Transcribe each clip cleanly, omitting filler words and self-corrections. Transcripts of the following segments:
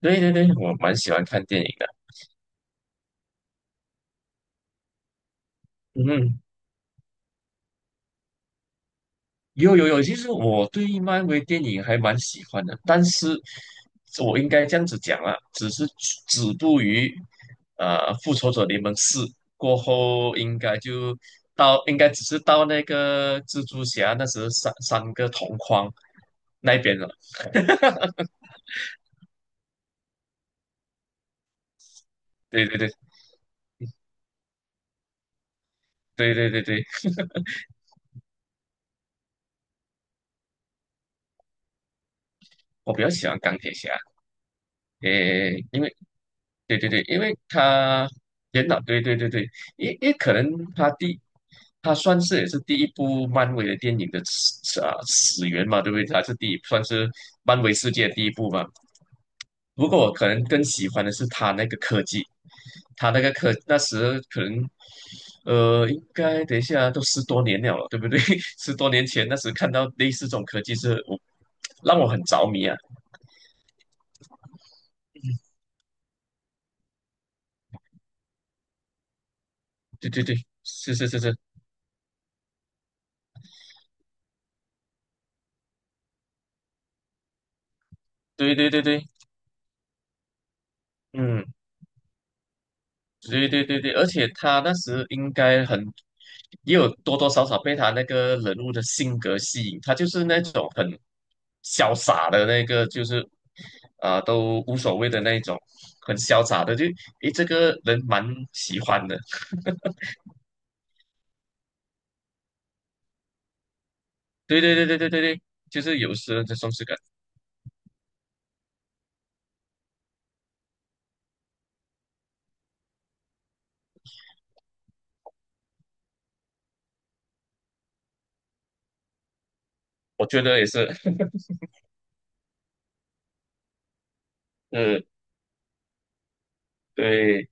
对对对，我蛮喜欢看电影的。嗯，有有有，其实我对漫威电影还蛮喜欢的，但是我应该这样子讲啊，只是止步于《复仇者联盟四》过后，应该只是到那个蜘蛛侠那时三个同框那边了。对对对对对对对，我比较喜欢钢铁侠，诶，因为对对对，因为他电脑，对对对对，因为可能他第，他算是也是第一部漫威的电影的始源嘛，对不对？他是第一，算是漫威世界第一部嘛。不过我可能更喜欢的是他那个科技，他那个科那时可能，应该等一下都十多年了，对不对？十多年前那时看到类似这种科技让我很着迷啊。对对对，是是是是，对对对对，嗯。对对对对，而且他那时应该很，也有多多少少被他那个人物的性格吸引，他就是那种很潇洒的那个，就是啊、都无所谓的那一种，很潇洒的，就诶这个人蛮喜欢的。对对对对对对对，就是有时候这松弛感，我觉得也是，嗯，对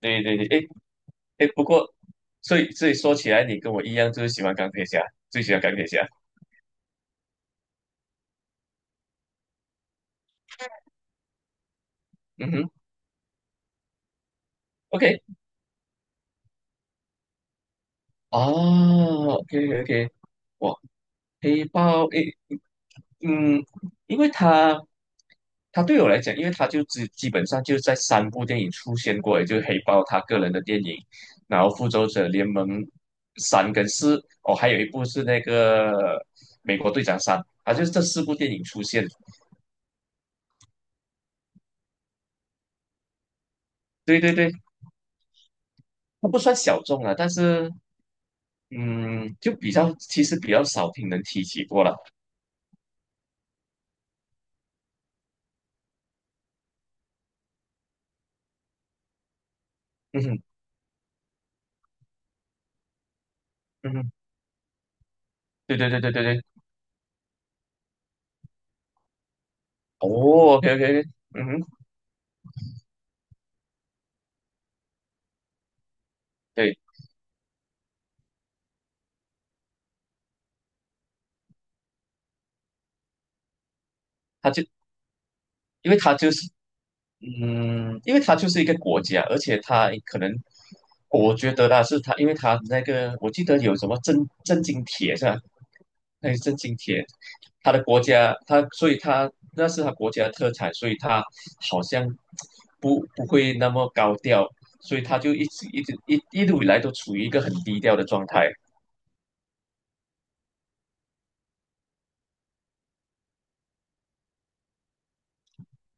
对对对，诶诶，不过所以说起来，你跟我一样，就是喜欢钢铁侠，最喜欢钢铁侠。嗯哼，OK。哦，OK OK，哇，黑豹诶，嗯，因为他对我来讲，因为他就基本上就在三部电影出现过，也就是黑豹他个人的电影，然后复仇者联盟三跟四，哦，还有一部是那个美国队长三，啊，就是这四部电影出现。对对对，它不算小众啊，但是嗯，就比较其实比较少听人提起过了。嗯哼，嗯哼，对对对对对对。哦，OK OK，嗯哼，对，他就因为他就是嗯，因为他就是一个国家，而且他可能我觉得啦，是他，因为他那个我记得有什么震惊铁是吧？那个震惊铁，他的国家，所以他那是他国家的特产，所以他好像不会那么高调，所以他就一直一直一一路以来都处于一个很低调的状态。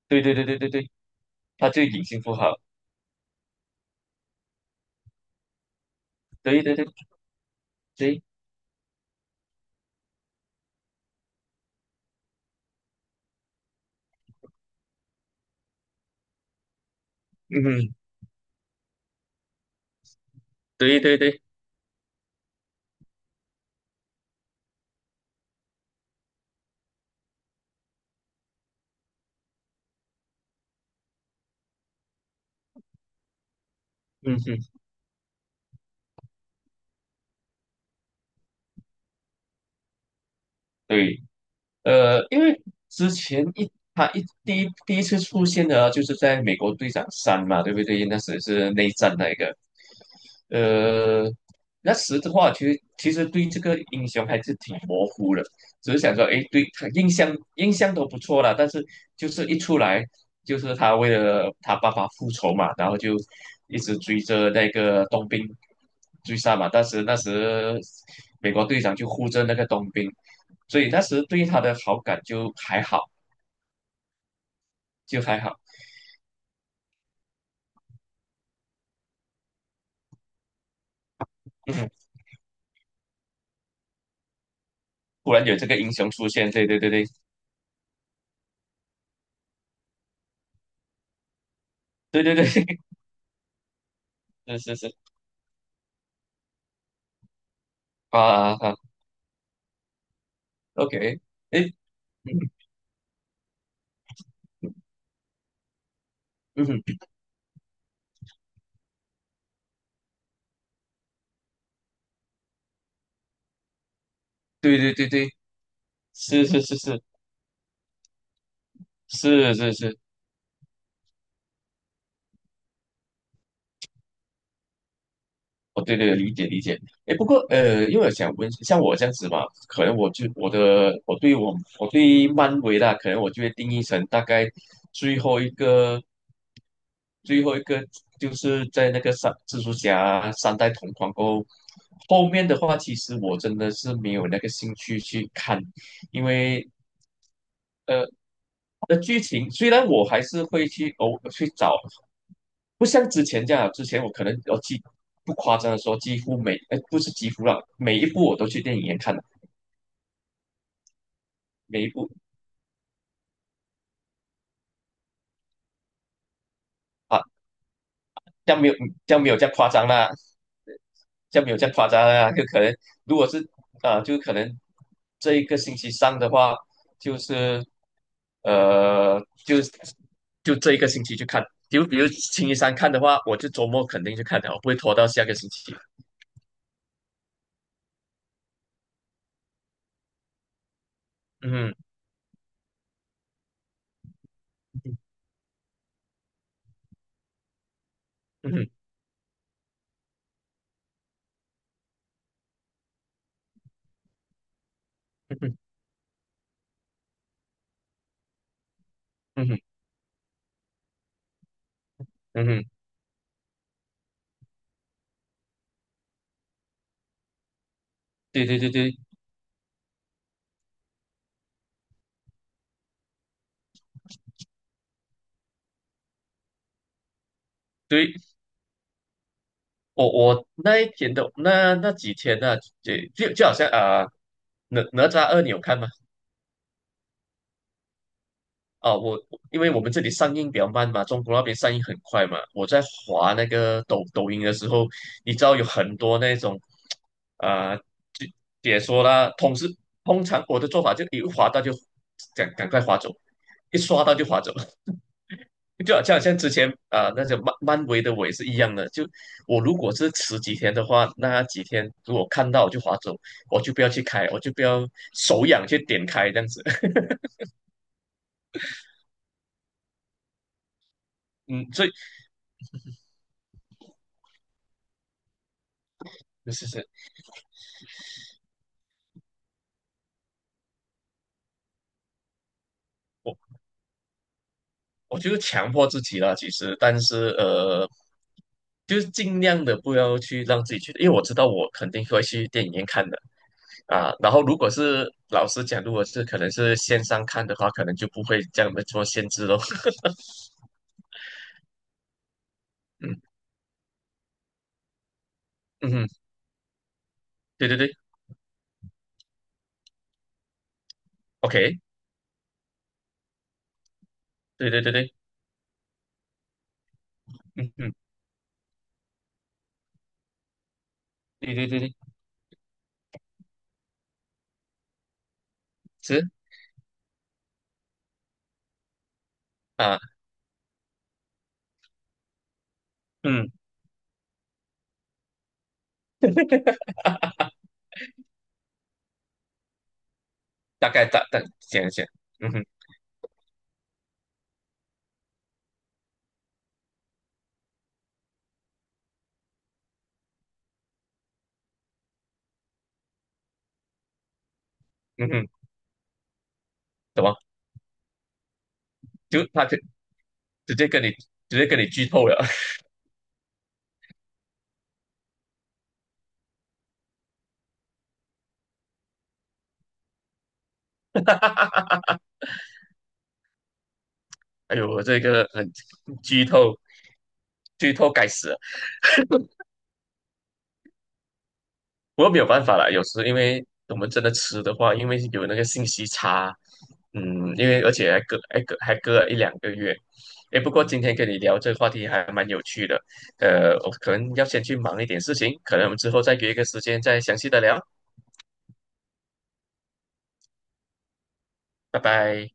对对对对对对，他就隐形富豪，对对对对，嗯哼对对对，嗯哼，对，因为之前他第一次出现的啊就是在美国队长三嘛，对不对？那时是内战那一个，呃，那时的话，其实对这个英雄还是挺模糊的，只是想说，诶，对他印象都不错啦，但是就是一出来，就是他为了他爸爸复仇嘛，然后就一直追着那个冬兵追杀嘛。但是那时美国队长就护着那个冬兵，所以那时对他的好感就还好，就还好。嗯，突然有这个英雄出现，对对对对对对对，是是是啊啊，OK，诶。嗯哼，对对对对，是是是是是是是，哦对对理解理解。哎，不过因为我想问，像我这样子嘛，可能我就我的我对我我对漫威啦，可能我就会定义成大概最后一个最后一个就是在那个三蜘蛛侠三代同框过后，后面的话其实我真的是没有那个兴趣去看，因为呃。的剧情虽然我还是会去偶去找不像之前这样啊，之前我可能不夸张的说，几乎每哎不是几乎啦，每一部我都去电影院看的，每一部啊，这样没有这样没有这样夸张啦，这样没有这样夸张啦，就可能如果是啊，就可能这一个星期上的话，就是呃，就是这一个星期去看，就比如星期三看的话，我就周末肯定去看的，我不会拖到下个星期。嗯哼嗯嗯嗯嗯嗯嗯，对对对对对。我那一天的那几天呢、就好像啊、哪吒二你有看吗？啊，因为我们这里上映比较慢嘛，中国那边上映很快嘛。我在滑那个抖音的时候，你知道有很多那种啊、就解说啦，通常我的做法就一滑到就赶快滑走，一刷到就滑走。就好像像之前啊、那个漫威的我也是一样的。就我如果是迟几天的话，那几天如果看到我就划走，我就不要去开，我就不要手痒去点开这样子。嗯，所以是是，我我就是强迫自己啦，其实，但是就是尽量的不要去让自己去，因为我知道我肯定会去电影院看的啊。然后如果是老实讲，如果是可能是线上看的话，可能就不会这样的做限制咯。嗯嗯，对对对，OK。对对对对，嗯，嗯，对对对对，是啊，嗯，大概想一想，嗯哼嗯哼，怎么就直接跟你直接跟你剧透了，哎呦，我这个很剧透，剧透该死啊。不过没有办法啦，有时因为我们真的吃的话，因为有那个信息差，嗯，因为而且还隔了一两个月。诶，不过今天跟你聊这个话题还蛮有趣的，我可能要先去忙一点事情，可能我们之后再约一个时间再详细的聊，拜拜。